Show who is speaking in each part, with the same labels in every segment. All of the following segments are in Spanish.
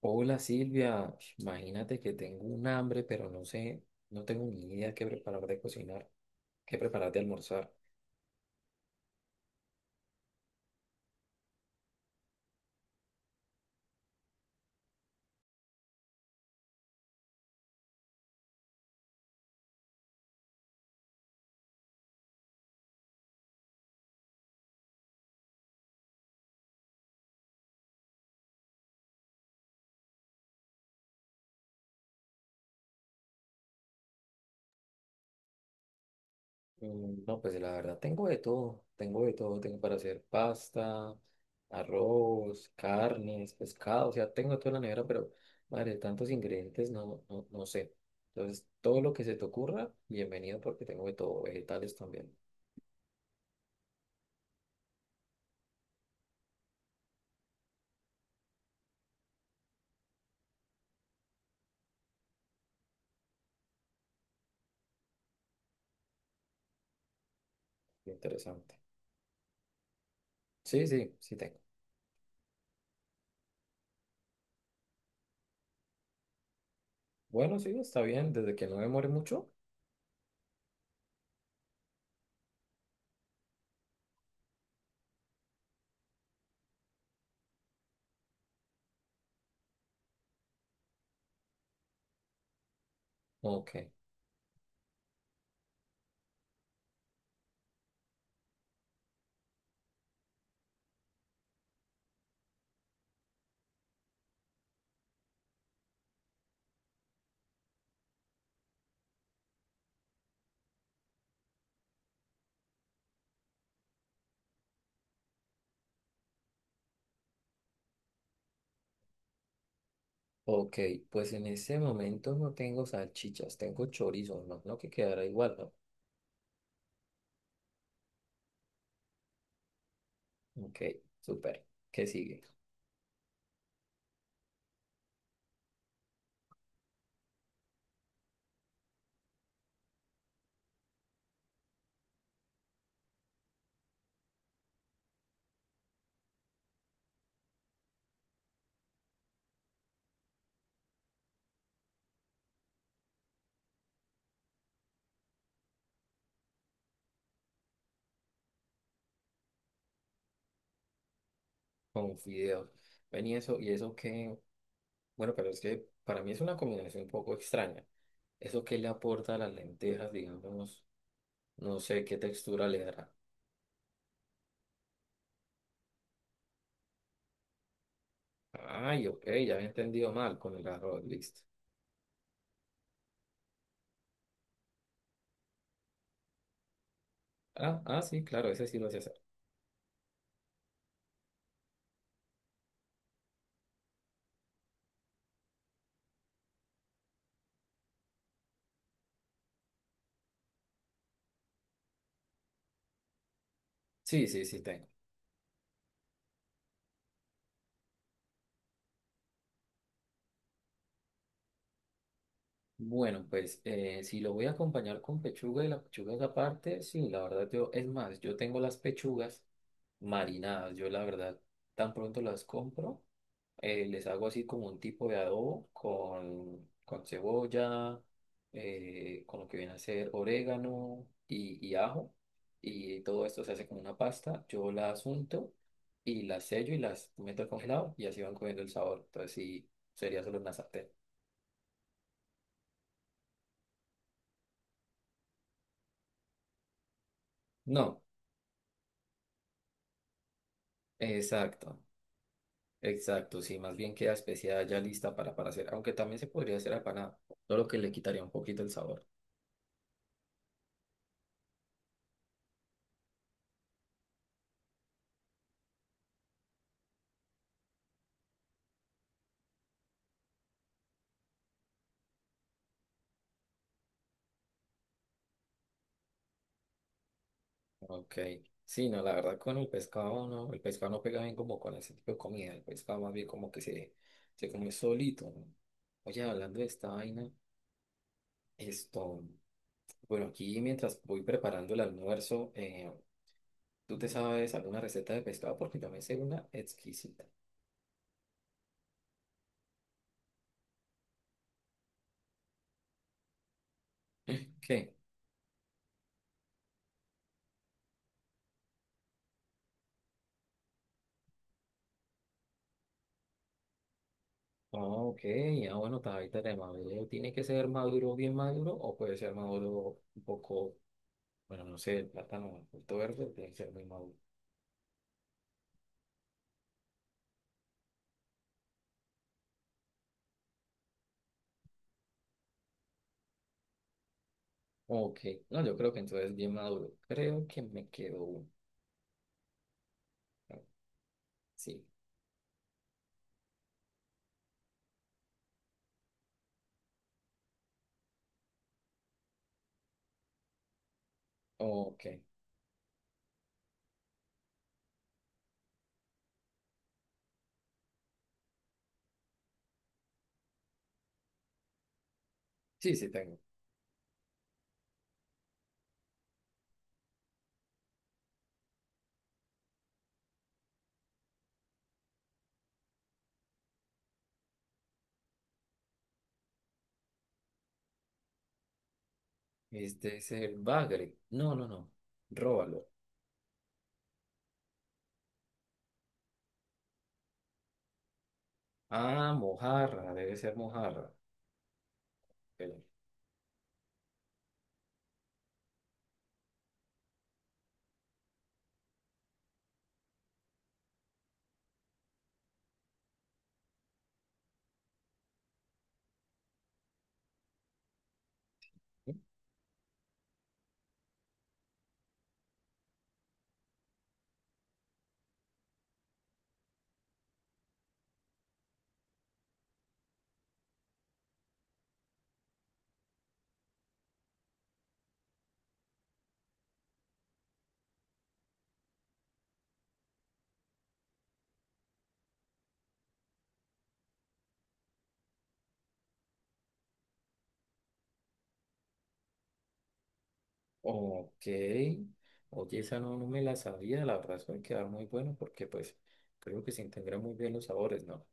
Speaker 1: Hola Silvia, imagínate que tengo un hambre, pero no sé, no tengo ni idea qué preparar de cocinar, qué preparar de almorzar. Mm, no, pues la verdad, tengo de todo, tengo de todo, tengo para hacer pasta, arroz, carnes, pescado, o sea, tengo todo en la nevera, pero madre, tantos ingredientes, no sé. Entonces, todo lo que se te ocurra, bienvenido porque tengo de todo, vegetales también, interesante. Sí, sí, sí tengo. Bueno, sí, está bien, desde que no demore mucho. Ok. Ok, pues en este momento no tengo salchichas, tengo chorizo, no, no, que quedará igual, ¿no? Ok, súper. ¿Qué sigue? Con fideos. Ven y eso que, bueno, pero es que para mí es una combinación un poco extraña. Eso que le aporta a las lentejas, digamos, no sé qué textura le dará. Ay, ok, ya había entendido mal, con el arroz, listo. Ah, ah, sí, claro, ese sí lo sé hacer. Sí, sí, sí, tengo. Bueno, pues si lo voy a acompañar con pechuga y la pechuga es aparte, sí, la verdad yo, es más, yo tengo las pechugas marinadas, yo la verdad tan pronto las compro, les hago así como un tipo de adobo con cebolla, con lo que viene a ser orégano y ajo, y todo esto se hace como una pasta, yo las unto y las sello y las meto al congelado y así van cogiendo el sabor, entonces sí, sería solo una sartén. No, exacto. Exacto, sí, más bien queda especiada ya lista para hacer, aunque también se podría hacer apanada, solo que le quitaría un poquito el sabor. Ok, sí, no, la verdad con el pescado no pega bien como con ese tipo de comida, el pescado más bien como que se come solito, ¿no? Oye, hablando de esta vaina, esto, bueno, aquí mientras voy preparando el almuerzo, ¿tú te sabes alguna receta de pescado? Porque yo me sé una exquisita. ¿Qué? Ah, ok, ya bueno, está ahí tenemos. ¿Tiene que ser maduro, bien maduro, o puede ser maduro un poco, bueno, no sé, el plátano, el fruto verde, tiene que ser muy maduro? Ok, no, yo creo que entonces bien maduro. Creo que me quedó uno. Ah, sí, ok. Sí, sí tengo. Este es el bagre. No, no, no. Róbalo. Ah, mojarra, debe ser mojarra. Ok. Ok, oye, esa no, no me la sabía, la verdad suele quedar muy bueno porque pues creo que se integran muy bien los sabores, ¿no?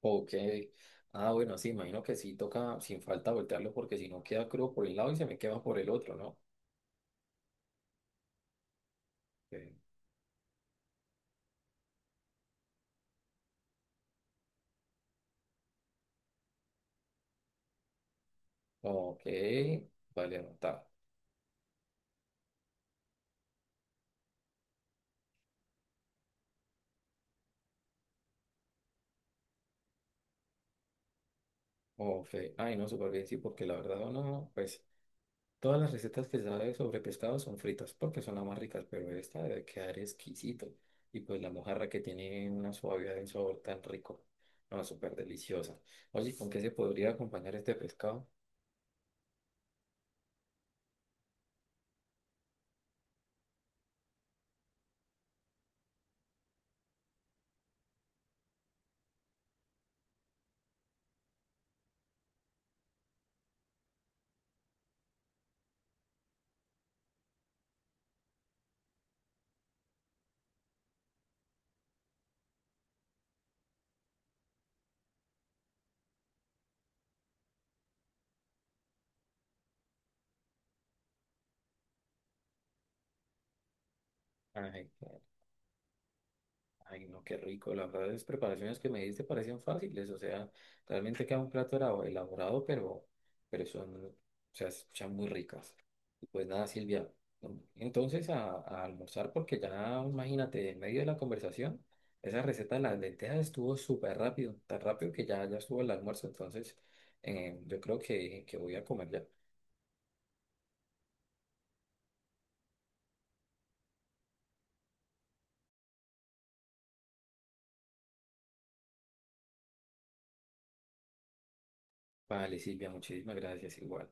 Speaker 1: Ok, ah, bueno, sí, imagino que sí toca sin falta voltearlo porque si no queda crudo por el lado y se me quema por el otro, ¿no? Ok. Ok, vale, anotar. Ok, ay no, súper bien, sí, porque la verdad no, pues todas las recetas que sabe sobre pescado son fritas porque son las más ricas, pero esta debe quedar exquisito. Y pues la mojarra que tiene una suavidad de sabor tan rico. No, súper deliciosa. Oye, ¿con qué se podría acompañar este pescado? Ay, qué- Ay, no, qué rico. La verdad, las preparaciones que me diste parecían fáciles. O sea, realmente queda un plato elaborado, pero son, o sea, se escuchan muy ricas. Pues nada, Silvia. ¿No? Entonces a almorzar porque ya, imagínate, en medio de la conversación, esa receta de las lentejas estuvo súper rápido, tan rápido que ya, ya estuvo el almuerzo. Entonces yo creo que voy a comer ya. Vale, Silvia, muchísimas gracias igual.